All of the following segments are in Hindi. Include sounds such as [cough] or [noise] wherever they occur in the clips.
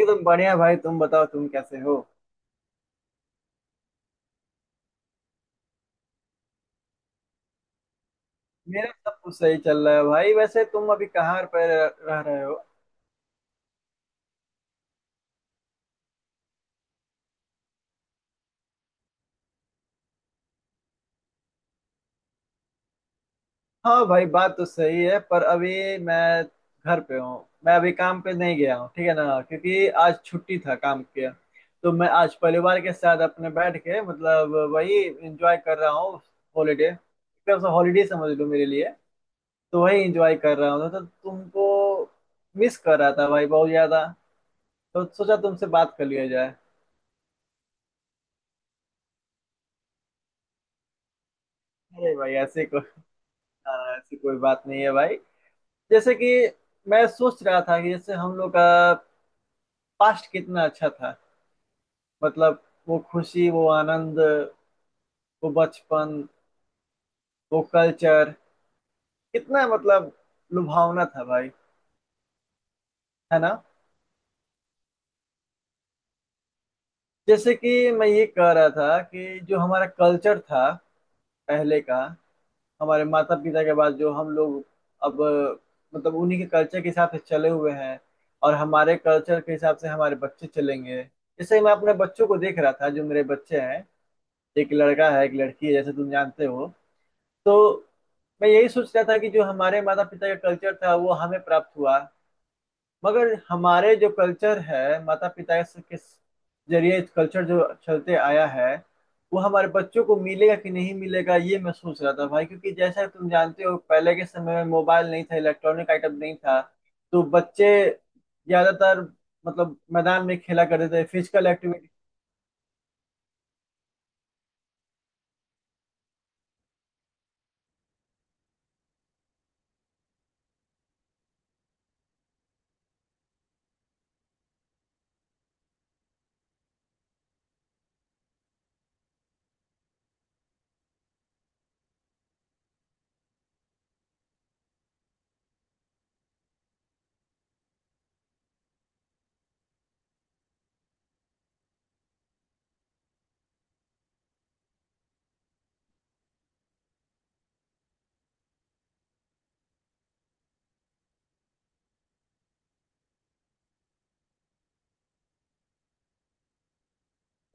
एकदम बढ़िया भाई तुम बताओ तुम कैसे हो। मेरा सब कुछ सही चल रहा है भाई। वैसे तुम अभी कहाँ पर रह रहे हो? हाँ भाई बात तो सही है पर अभी मैं घर पे हूँ। मैं अभी काम पे नहीं गया हूँ ठीक है ना, क्योंकि आज छुट्टी था काम के। तो मैं आज परिवार के साथ अपने बैठ के मतलब वही एंजॉय कर रहा हूँ। हॉलीडे, एकदम से हॉलीडे समझ लो मेरे लिए। तो वही एंजॉय कर रहा हूँ तो तुमको मिस कर रहा था भाई बहुत ज्यादा। तो सोचा तुमसे बात कर लिया जाए। अरे भाई ऐसे हाँ, ऐसी कोई बात नहीं है भाई। जैसे कि मैं सोच रहा था कि जैसे हम लोग का पास्ट कितना अच्छा था। मतलब वो खुशी, वो आनंद, वो बचपन, वो कल्चर कितना मतलब लुभावना था भाई। है ना? जैसे कि मैं ये कह रहा था कि जो हमारा कल्चर था पहले का, हमारे माता पिता के बाद जो हम लोग अब मतलब उन्हीं के कल्चर के हिसाब से चले हुए हैं और हमारे कल्चर के हिसाब से हमारे बच्चे चलेंगे। जैसे मैं अपने बच्चों को देख रहा था, जो मेरे बच्चे हैं, एक लड़का है एक लड़की है, जैसे तुम जानते हो। तो मैं यही सोच रहा था कि जो हमारे माता पिता का कल्चर था वो हमें प्राप्त हुआ। मगर हमारे जो कल्चर है माता पिता से- के जरिए कल्चर जो चलते आया है, वो हमारे बच्चों को मिलेगा कि नहीं मिलेगा ये मैं सोच रहा था भाई। क्योंकि जैसा तुम जानते हो पहले के समय में मोबाइल नहीं था, इलेक्ट्रॉनिक आइटम नहीं था। तो बच्चे ज्यादातर मतलब मैदान में खेला करते थे, फिजिकल एक्टिविटी।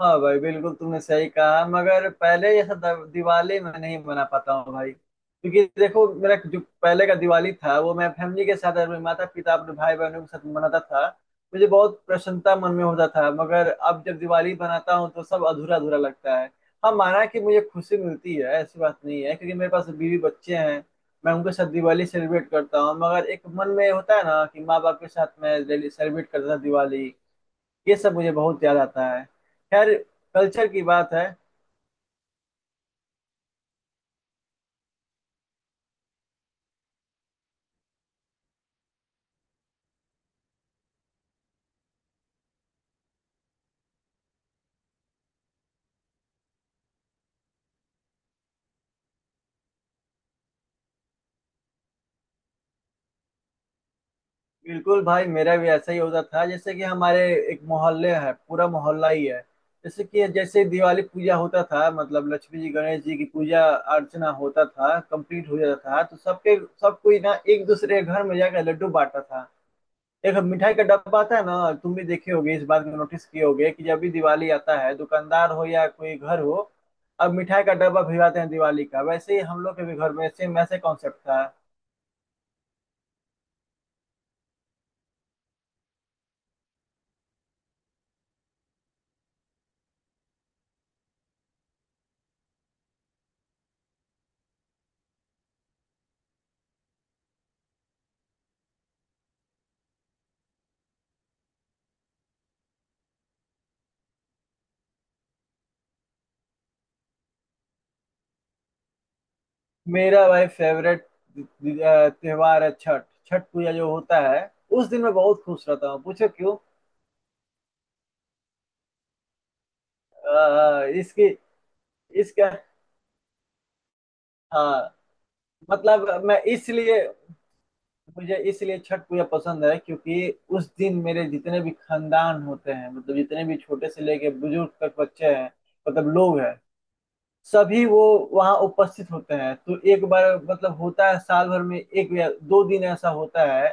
हाँ भाई बिल्कुल, तुमने सही कहा। मगर पहले जैसा द- दिवाली मैं नहीं मना पाता हूँ भाई, क्योंकि देखो मेरा जो पहले का दिवाली था वो मैं फैमिली के साथ अपने माता पिता अपने भाई बहनों के साथ मनाता था। मुझे बहुत प्रसन्नता मन में होता था। मगर अब जब दिवाली मनाता हूँ तो सब अधूरा अधूरा लगता है। हाँ माना कि मुझे खुशी मिलती है, ऐसी बात नहीं है, क्योंकि मेरे पास बीवी बच्चे हैं। मैं उनके साथ दिवाली सेलिब्रेट करता हूँ मगर एक मन में होता है ना कि माँ बाप के साथ मैं सेलिब्रेट करता था दिवाली। ये सब मुझे बहुत याद आता है। खैर, कल्चर की बात है। बिल्कुल भाई मेरा भी ऐसा ही होता था। जैसे कि हमारे एक मोहल्ले है, पूरा मोहल्ला ही है। जैसे कि जैसे दिवाली पूजा होता था मतलब लक्ष्मी जी गणेश जी की पूजा अर्चना होता था, कंप्लीट हो जाता था तो सबके सब कोई ना एक दूसरे के घर में जाकर लड्डू बांटता था। एक मिठाई का डब्बा आता है ना, तुम भी देखे होगे, इस बात को नोटिस किए होगे कि जब भी दिवाली आता है दुकानदार हो या कोई घर हो अब मिठाई का डब्बा भिजवाते हैं दिवाली का। वैसे ही हम लोग के भी घर में सेम ऐसे कॉन्सेप्ट था। मेरा भाई फेवरेट त्योहार है छठ। छठ पूजा जो होता है उस दिन मैं बहुत खुश रहता हूँ, पूछो क्यों। इसकी इसका। हाँ मतलब मैं इसलिए मुझे इसलिए छठ पूजा पसंद है क्योंकि उस दिन मेरे जितने भी खानदान होते हैं मतलब जितने भी छोटे से लेके बुजुर्ग तक बच्चे हैं मतलब लोग हैं, सभी वो वहाँ उपस्थित होते हैं। तो एक बार मतलब होता है साल भर में एक या दो दिन ऐसा होता है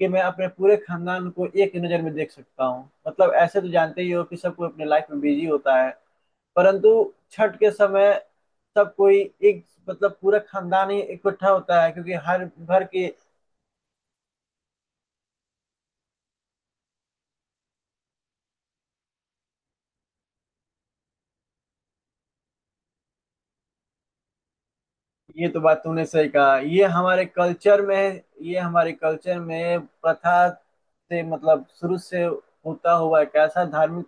कि मैं अपने पूरे खानदान को एक नज़र में देख सकता हूँ। मतलब ऐसे तो जानते ही हो कि सब कोई अपने लाइफ में बिजी होता है, परंतु छठ के समय सब कोई एक मतलब पूरा खानदान ही इकट्ठा होता है क्योंकि हर घर के। ये तो बात तूने सही कहा। ये हमारे कल्चर में प्रथा से मतलब शुरू से होता हुआ एक ऐसा धार्मिक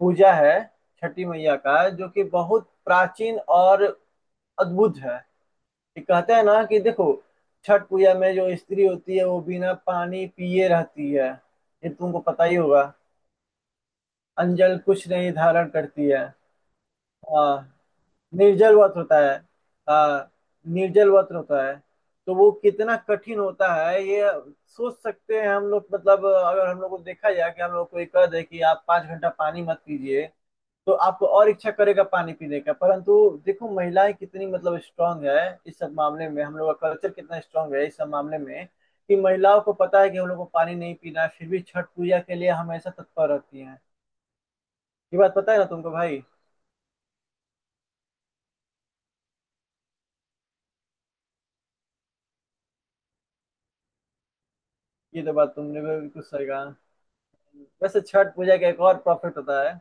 पूजा है छठी मैया का, जो कि बहुत प्राचीन और अद्भुत है। ये कहते हैं ना कि देखो छठ पूजा में जो स्त्री होती है वो बिना पानी पिए रहती है। ये तुमको पता ही होगा। अंजल कुछ नहीं धारण करती है। हाँ, निर्जल व्रत होता है। हाँ, निर्जल व्रत होता है। तो वो कितना कठिन होता है ये सोच सकते हैं हम लोग। मतलब अगर हम लोग को देखा जाए कि हम लोग को ये कह दे कि आप 5 घंटा पानी मत पीजिए तो आपको और इच्छा करेगा पानी पीने का। परंतु देखो महिलाएं कितनी मतलब स्ट्रांग है इस सब मामले में। हम लोग का कल्चर कितना स्ट्रांग है इस सब मामले में, कि महिलाओं को पता है कि हम लोग को पानी नहीं पीना है फिर भी छठ पूजा के लिए हमेशा तत्पर रहती हैं। ये बात पता है ना तुमको भाई। ये तो बात तुमने भी बिल्कुल सही कहा। वैसे छठ पूजा का एक और प्रॉफिट होता है।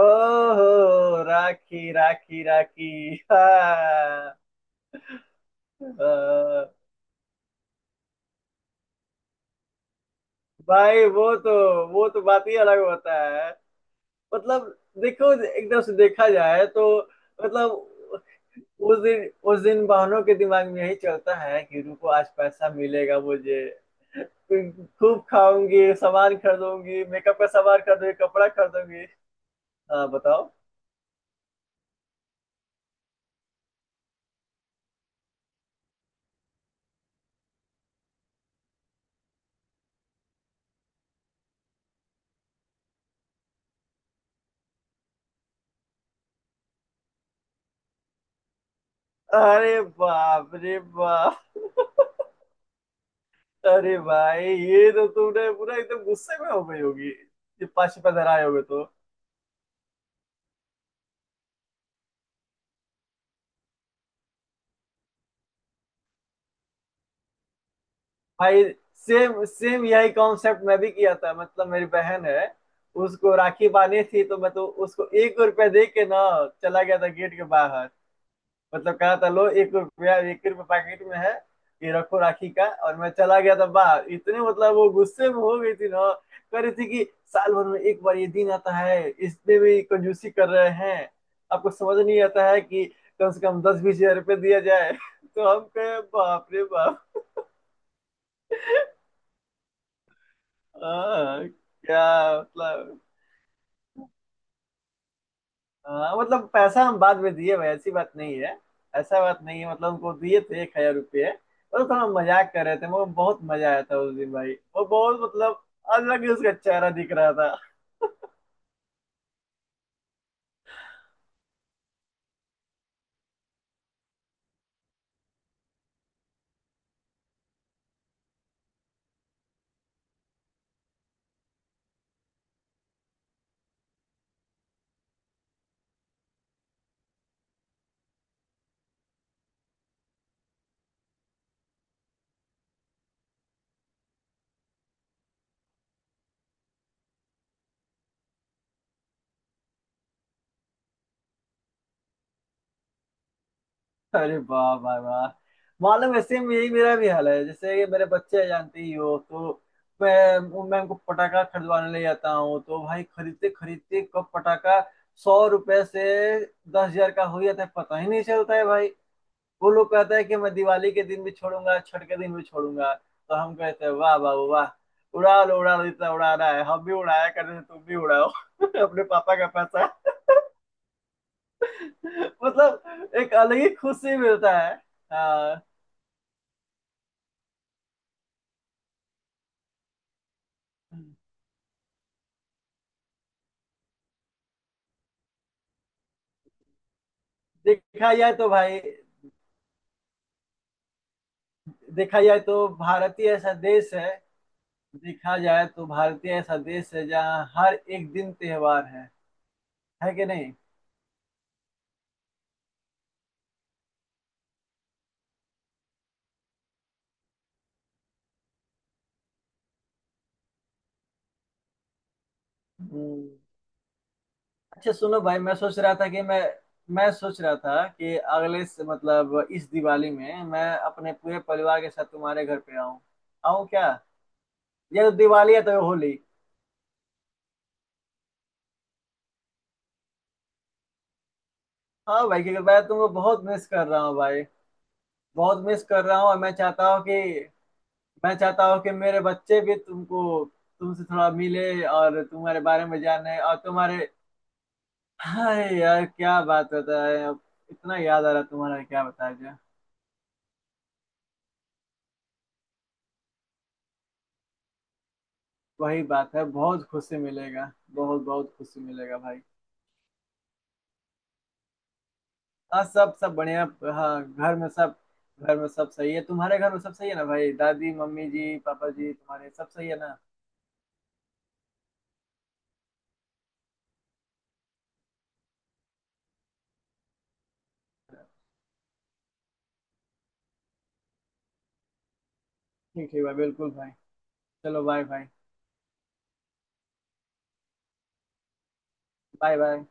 ओहो, राखी राखी राखी! [laughs] हाँ। हाँ। भाई वो तो बात ही अलग होता है। मतलब देखो एक तरफ से देखा जाए तो मतलब उस दिन बहनों के दिमाग में यही चलता है कि रुको आज पैसा मिलेगा मुझे। फिर खूब खाऊंगी, सामान खरीदूंगी, मेकअप का सामान खरीदूंगी, कपड़ा खरीदूंगी। हाँ बताओ। अरे बाप रे बाप! अरे भाई ये तो तुमने पूरा एकदम गुस्से में हो गई होगी, ये पश पे धराए होगे तो। भाई सेम सेम यही कॉन्सेप्ट मैं भी किया था। मतलब मेरी बहन है, उसको राखी बांधी थी तो मैं तो उसको 1 रुपया दे के ना चला गया था गेट के बाहर। मतलब कहा था लो 1 रुपया, 1 रुपया पैकेट में है ये रखो राखी का, और मैं चला गया था बाहर। इतने मतलब वो गुस्से में हो गई थी ना। कह रही थी कि साल भर में एक बार ये दिन आता है इसमें भी कंजूसी कर रहे हैं। आपको समझ नहीं आता है कि कम से कम 10-20 हजार रुपये दिया जाए। [laughs] तो हम कहे बाप रे बाप। हाँ, क्या मतलब? हाँ मतलब पैसा हम बाद में दिए भाई, ऐसी बात नहीं है। ऐसा बात नहीं है मतलब उनको दिए थे 1,000 रुपये और थोड़ा मजाक कर रहे थे। वो बहुत मजा आया था उस दिन भाई। वो बहुत मतलब अलग ही उसका चेहरा दिख रहा था। अरे वाह वाह वाह! मालूम है सेम यही मेरा भी हाल है। जैसे ये मेरे बच्चे जानते ही हो तो मैं मैं उनको पटाखा खरीदवाने ले जाता हूँ। तो भाई खरीदते खरीदते कब पटाखा 100 रुपए से 10,000 का हो जाता है पता ही नहीं चलता है भाई। वो लोग कहता है कि मैं दिवाली के दिन भी छोड़ूंगा छठ के दिन भी छोड़ूंगा तो हम कहते हैं वाह बाबू वाह। उड़ा लो जितना उड़ा रहा है, हम भी उड़ाया कर रहे हैं तुम भी उड़ाओ [laughs] अपने पापा का पैसा। मतलब एक अलग ही खुशी मिलता है। हाँ। देखा जाए तो भाई, देखा जाए तो भारतीय ऐसा देश है देखा जाए तो भारतीय ऐसा देश है जहाँ हर एक दिन त्योहार है। है कि नहीं? हम्म। अच्छा सुनो भाई, मैं सोच रहा था कि अगले से- मतलब इस दिवाली में मैं अपने पूरे परिवार के साथ तुम्हारे घर पे आऊं। आऊं क्या? या तो दिवाली है तो होली। हाँ भाई क्योंकि मैं तुमको बहुत मिस कर रहा हूँ भाई। बहुत मिस कर रहा हूँ और मैं चाहता हूँ कि मेरे बच्चे भी तुमको तुमसे थोड़ा मिले और तुम्हारे बारे में जाने और तुम्हारे। हाय यार क्या बात बताए अब। इतना याद आ रहा तुम्हारा क्या बताया जाए। वही बात है, बहुत खुशी मिलेगा, बहुत बहुत खुशी मिलेगा भाई। हाँ सब सब बढ़िया। हाँ, घर में सब सही है। तुम्हारे घर में सब सही है ना भाई? दादी मम्मी जी पापा जी तुम्हारे सब सही है ना? ठीक ठीक भाई, बिल्कुल भाई। चलो बाय भाई। Bye bye.